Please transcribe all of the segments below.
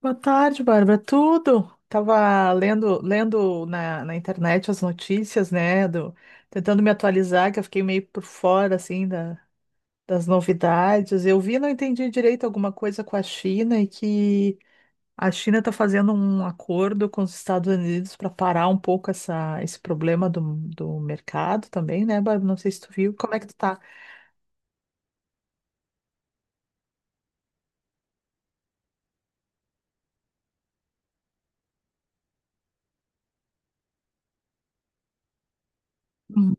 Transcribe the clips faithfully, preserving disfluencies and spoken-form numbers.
Boa tarde, Bárbara. Tudo? Tava lendo, lendo na, na internet as notícias, né? Do- tentando me atualizar, que eu fiquei meio por fora, assim, da- das novidades. Eu vi, não entendi direito alguma coisa com a China e que a China está fazendo um acordo com os Estados Unidos para parar um pouco essa, esse problema do, do mercado também, né, Bárbara? Não sei se tu viu. Como é que tu tá? Uhum,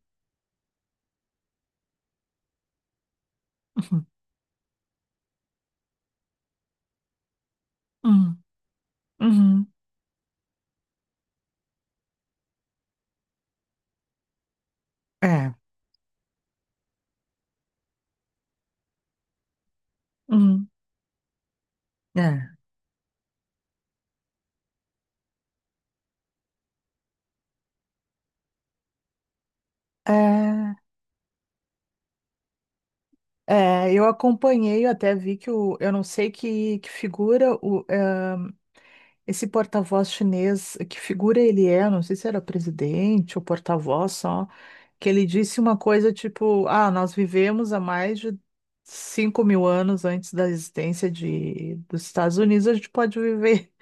uhum, uhum, uhum. É. Uhum, é. É. É, eu acompanhei, eu até vi que o, eu não sei que, que figura o, eh, esse porta-voz chinês, que figura ele é, não sei se era presidente ou porta-voz só, que ele disse uma coisa tipo, ah, nós vivemos há mais de cinco mil anos antes da existência de, dos Estados Unidos. A gente pode viver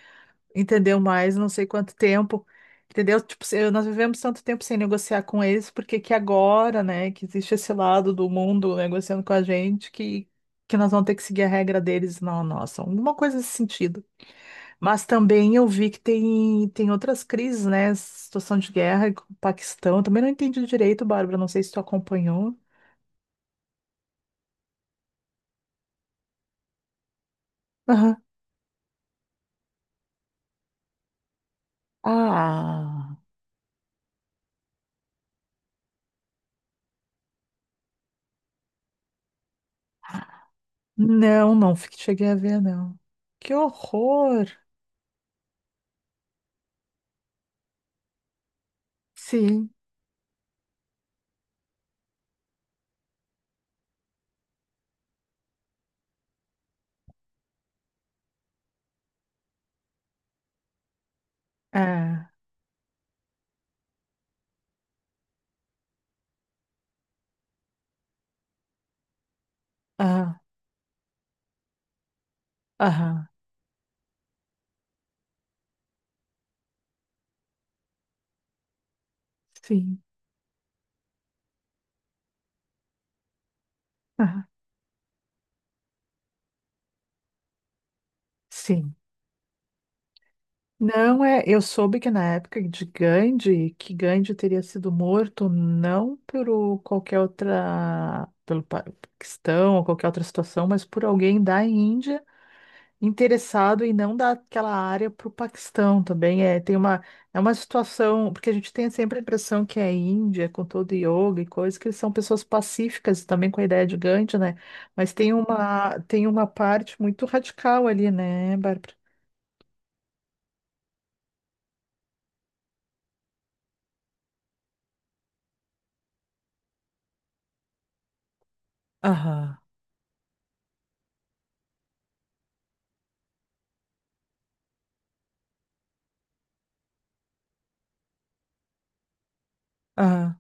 entendeu mais não sei quanto tempo, entendeu? Tipo, se- nós vivemos tanto tempo sem negociar com eles, porque que agora, né, que existe esse lado do mundo negociando com a gente, que, que nós vamos ter que seguir a regra deles, não a nossa, alguma coisa nesse sentido. Mas também eu vi que tem, tem outras crises, né, situação de guerra com o Paquistão, eu também não entendi direito, Bárbara, não sei se tu acompanhou. Aham. Ah, não, não, fiquei- cheguei a ver, não. Que horror! Sim. É, é. Aham, sim, aham, sim. Não é, eu soube que na época de Gandhi, que Gandhi teria sido morto não por o- qualquer outra, pelo pa- questão ou qualquer outra situação, mas por alguém da Índia interessado em não dar aquela área para o Paquistão também. É, tem uma, é uma situação, porque a gente tem sempre a impressão que é Índia, com todo yoga e coisa, que eles são pessoas pacíficas, também com a ideia de Gandhi, né? Mas tem uma, tem uma parte muito radical ali, né, Bárbara? Aham, aham,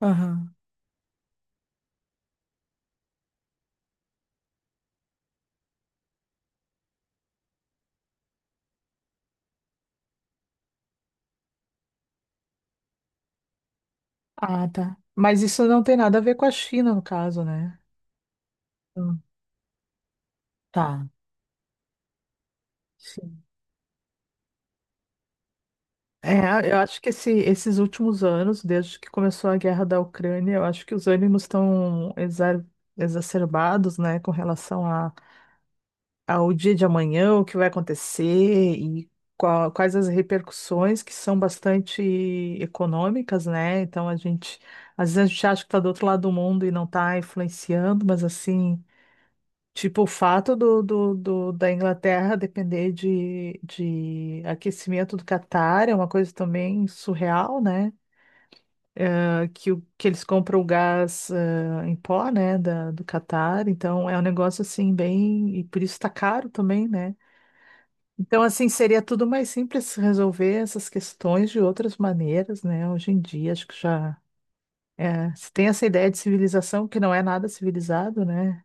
aham. Ah, tá. Mas isso não tem nada a ver com a China, no caso, né? Hum, tá. Sim. É, eu acho que esse- esses últimos anos, desde que começou a guerra da Ucrânia, eu acho que os ânimos estão exa- exacerbados, né, com relação a- ao dia de amanhã, o que vai acontecer e qua- quais as repercussões que são bastante econômicas, né? Então a gente, às vezes a gente acha que está do outro lado do mundo e não está influenciando, mas assim. Tipo, o fato do, do, do- da Inglaterra depender de, de aquecimento do Catar é uma coisa também surreal, né? Ah, Que, o- que eles compram o gás, ah, em pó, né, da, do Catar. Então, é um negócio assim, bem. E por isso tá caro também, né? Então, assim, seria tudo mais simples resolver essas questões de outras maneiras, né? Hoje em dia, acho que já. É, se tem essa ideia de civilização que não é nada civilizado, né?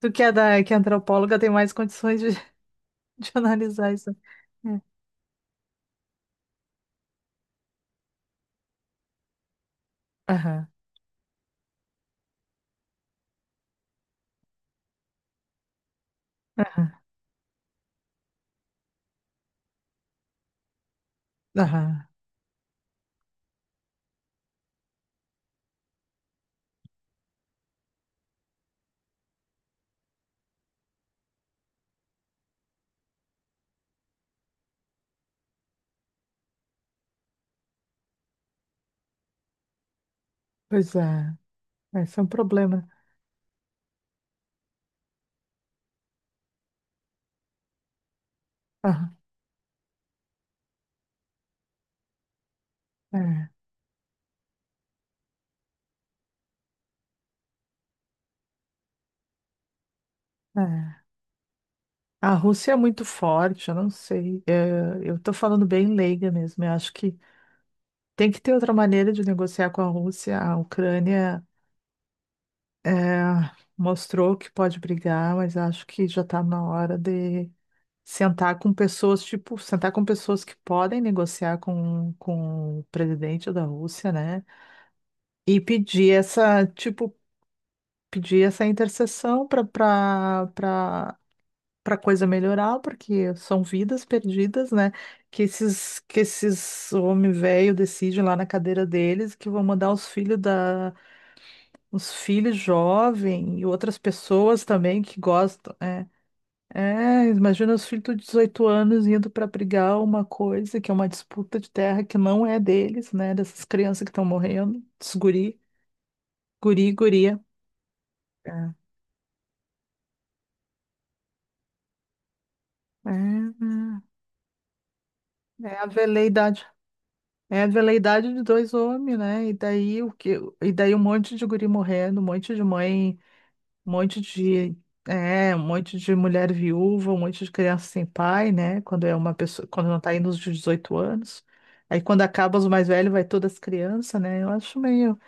Tu que é, da, que é antropóloga tem mais condições de de analisar isso. É. Aham, aham, pois é, esse é um problema. Aham, é, é. A Rússia é muito forte, eu não sei. É, eu tô falando bem leiga mesmo. Eu acho que tem que ter outra maneira de negociar com a Rússia. A Ucrânia é, mostrou que pode brigar, mas acho que já está na hora de sentar com pessoas, tipo, sentar com pessoas que podem negociar com, com o presidente da Rússia, né? E pedir essa, tipo, pedir essa intercessão para para para coisa melhorar, porque são vidas perdidas, né? Que esses que esses homem velho decide lá na cadeira deles que vão mandar os filhos da os filhos jovem e outras pessoas também que gostam, é. É, imagina os filhos de 18 anos indo para brigar uma coisa que é uma disputa de terra que não é deles, né? Dessas crianças que estão morrendo, esses guri, guri, e guria. É. É, né? é a veleidade É a veleidade de dois homens, né? E daí o que, e daí um monte de guri morrendo, um monte de mãe, um monte de, é, um monte de mulher viúva, um monte de criança sem pai, né? Quando é uma pessoa, quando não tá indo nos dezoito anos. Aí quando acaba os mais velhos, vai todas as crianças, né? Eu acho meio.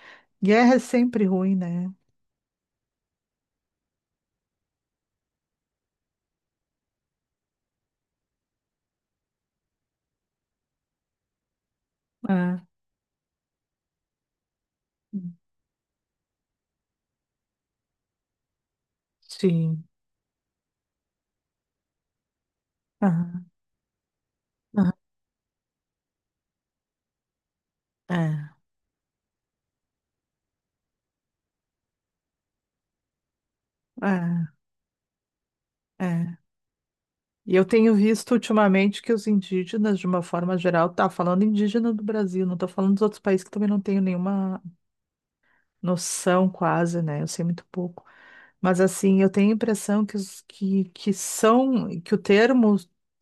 Guerra é sempre ruim, né? É. Sim. Aham, aham. É, é, é. E eu tenho visto ultimamente que os indígenas, de uma forma geral, tá falando indígena do Brasil, não tô falando dos outros países que também não tenho nenhuma noção quase, né? Eu sei muito pouco. Mas assim, eu tenho a impressão que os que, que são, que o termo,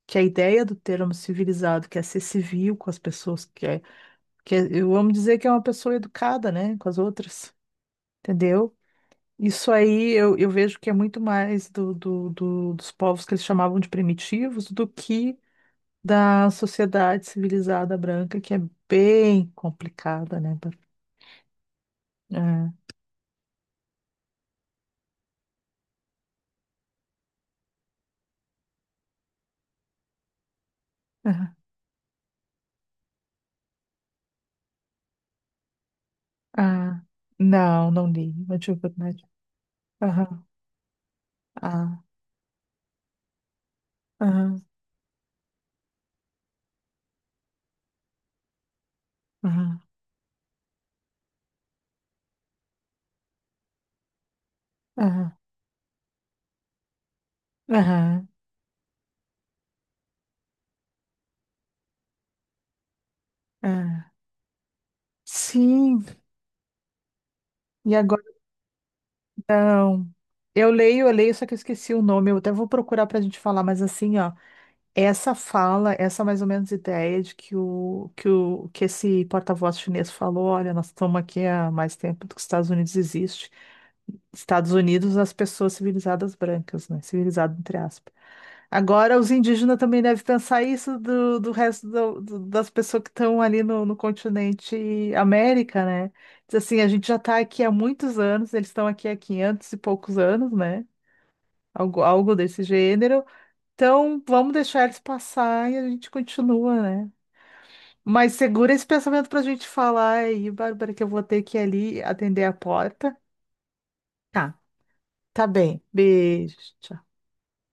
que a ideia do termo civilizado, que é ser civil com as pessoas, que é, que é- eu amo dizer que é uma pessoa educada, né, com as outras, entendeu? Isso aí eu, eu vejo que é muito mais do, do, do- dos povos que eles chamavam de primitivos do que da sociedade civilizada branca, que é bem complicada, né? É, aham, ah, não, não li. Maternidade. Aham, ah, aham, aham, aham, aham, ah. Sim, e agora não. Eu leio, eu leio, só que eu esqueci o nome. Eu até vou procurar para a gente falar, mas assim, ó, essa fala, essa é mais ou menos ideia de que o que o que esse porta-voz chinês falou, olha, nós estamos aqui há mais tempo do que os Estados Unidos existem. Estados Unidos, as pessoas civilizadas brancas, né? Civilizado, entre aspas. Agora, os indígenas também devem pensar isso do, do resto do- do- das pessoas que estão ali no, no continente América, né? Diz assim, a gente já está aqui há muitos anos, eles estão aqui há quinhentos e poucos anos, né? Algo, algo desse gênero. Então, vamos deixar eles passar e a gente continua, né? Mas segura esse pensamento para a gente falar aí, Bárbara, que eu vou ter que ir ali atender a porta. Tá, tá bem. Beijo. Tchau.